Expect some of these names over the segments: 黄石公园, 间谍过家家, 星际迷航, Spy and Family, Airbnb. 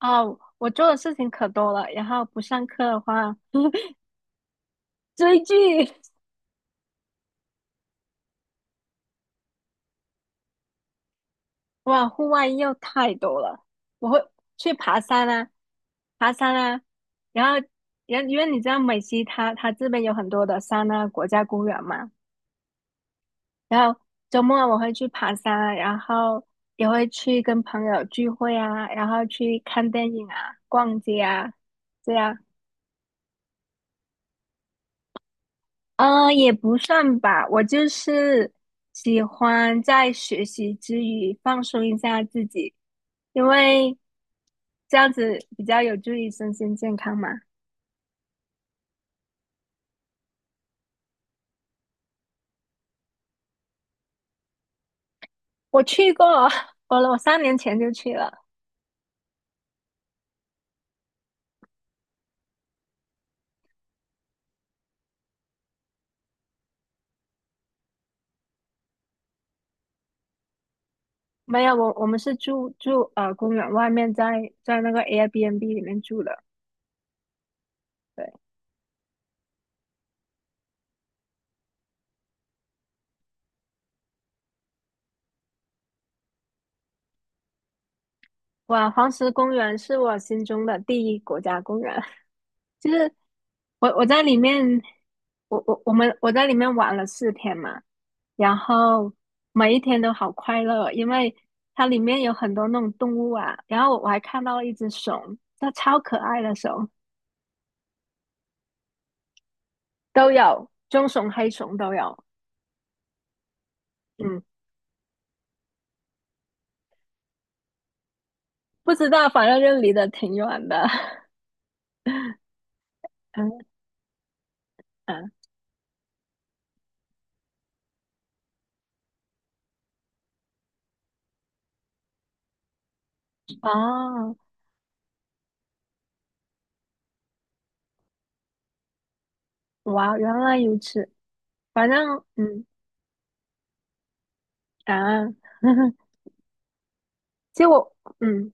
哦，我做的事情可多了，然后不上课的话，追剧，哇，户外又太多了。我会去爬山啊，爬山啊，然后，然后因为你知道美西它这边有很多的山啊，国家公园嘛，然后周末我会去爬山啊，然后也会去跟朋友聚会啊，然后去看电影啊，逛街啊，这样。也不算吧，我就是喜欢在学习之余放松一下自己，因为这样子比较有助于身心健康嘛。我去过，我三年前就去了，没有，我们是住公园外面在那个 Airbnb 里面住的。对，哇，黄石公园是我心中的第一国家公园。就是我在里面，我在里面玩了四天嘛，然后每一天都好快乐，因为它里面有很多那种动物啊，然后我还看到了一只熊，它超可爱的熊，都有棕熊、黑熊都有，嗯，不知道，反正就离得挺远的，嗯嗯，哦，哇，原来如此，反正嗯啊，其实我嗯。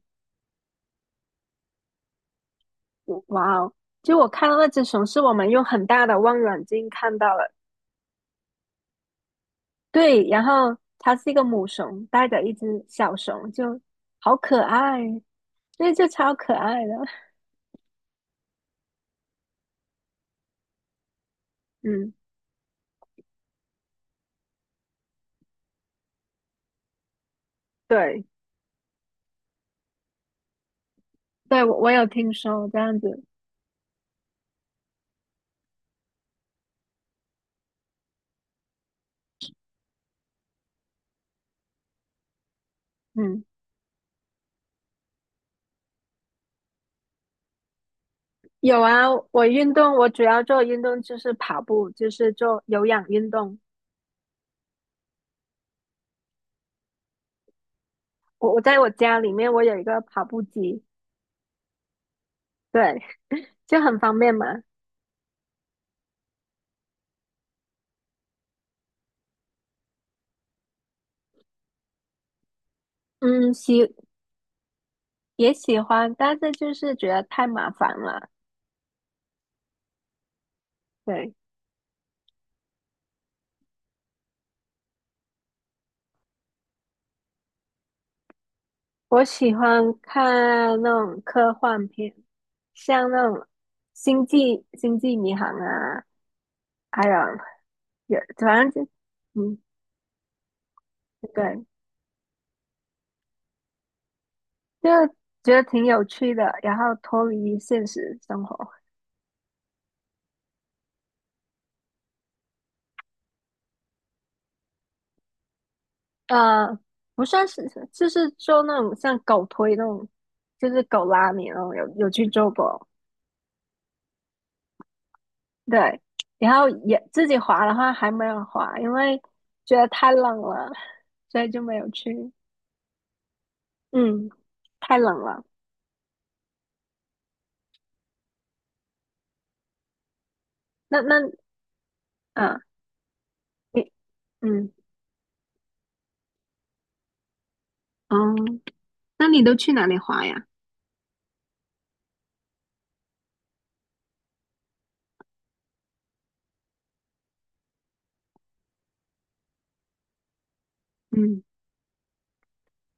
哇哦！就我看到那只熊是我们用很大的望远镜看到了，对，然后它是一个母熊带着一只小熊，就好可爱，那就超可爱的。嗯，对，对，我有听说这样子。嗯，有啊，我运动，我主要做运动就是跑步，就是做有氧运动。我在我家里面我有一个跑步机，对，就很方便嘛。嗯，也喜欢，但是就是觉得太麻烦了。对。我喜欢看那种科幻片，像那种《星际迷航》啊，还有反正就嗯对，就觉得挺有趣的，然后脱离现实生活。呃，不算是就是做那种像狗推那种，就是狗拉你那种，有去做过。对，然后也自己滑的话还没有滑，因为觉得太冷了，所以就没有去。嗯，太冷了。那那呃，你嗯哦，那你都去哪里滑呀？嗯，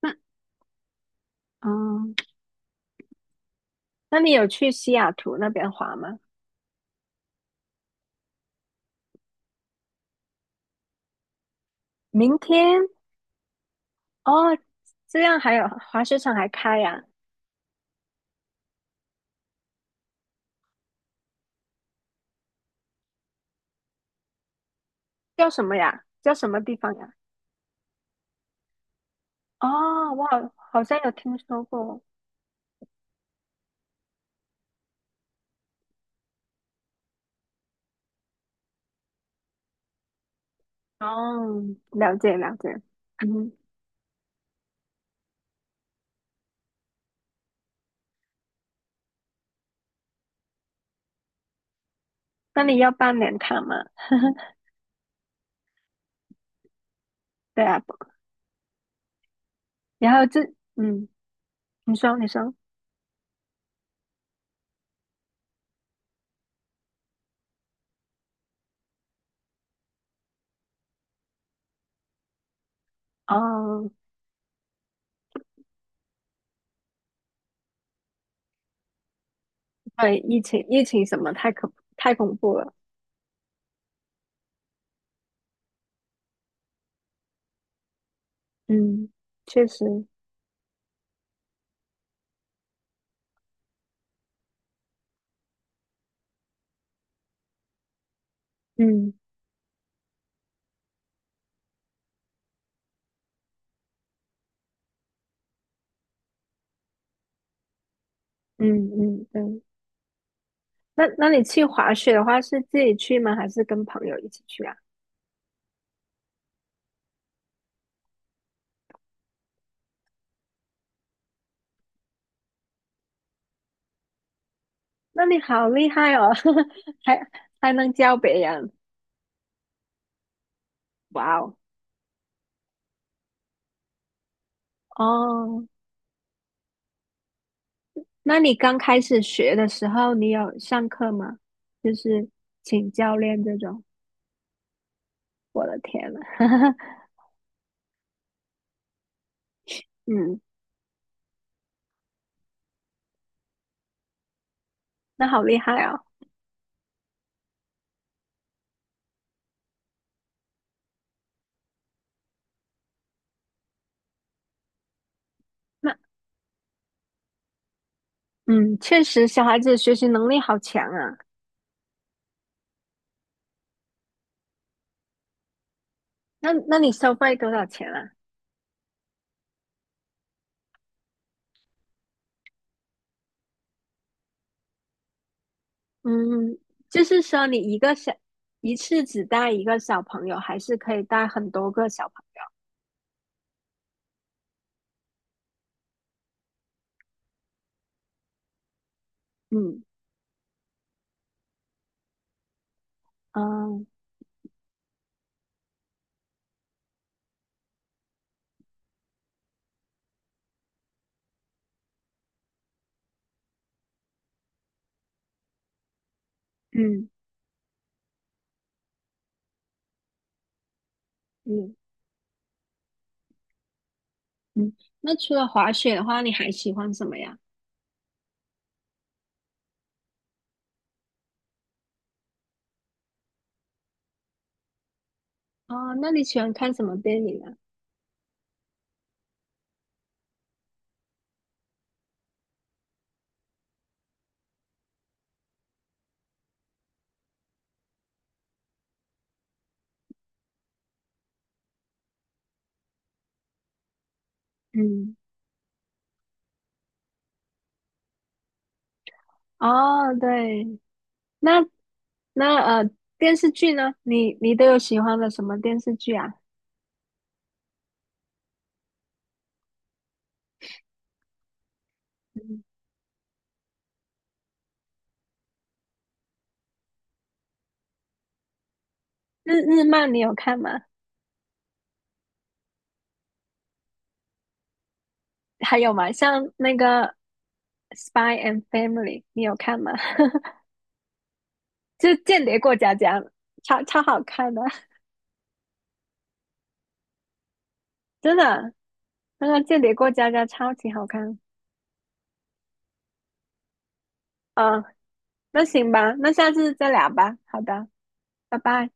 那哦，那你有去西雅图那边滑吗？明天哦，这样还有滑雪场还开呀？叫什么呀？叫什么地方呀？哦，我好像有听说过。哦，了解了解。嗯，那你要办年卡吗？对啊，不然后这嗯，你说哦，对，疫情什么太恐怖了。嗯，确实，嗯嗯嗯，嗯。那你去滑雪的话，是自己去吗？还是跟朋友一起去啊？那你好厉害哦，还还能教别人，哇哦！哦，那你刚开始学的时候，你有上课吗？就是请教练这种，我的天呐，嗯，那好厉害哦。那嗯，确实小孩子学习能力好强啊。那你收费多少钱啊？嗯，就是说你一个小，一次只带一个小朋友，还是可以带很多个小朋友？嗯，哦，嗯嗯嗯。那除了滑雪的话，你还喜欢什么呀？哦，那你喜欢看什么电影啊？嗯，哦，对，那那呃，电视剧呢？你都有喜欢的什么电视剧啊？嗯，日漫你有看吗？还有吗？像那个《Spy and Family》,你有看吗？就《间谍过家家》超好看的，真的，那个《间谍过家家》超级好看。啊。那行吧，那下次再聊吧。好的，拜拜。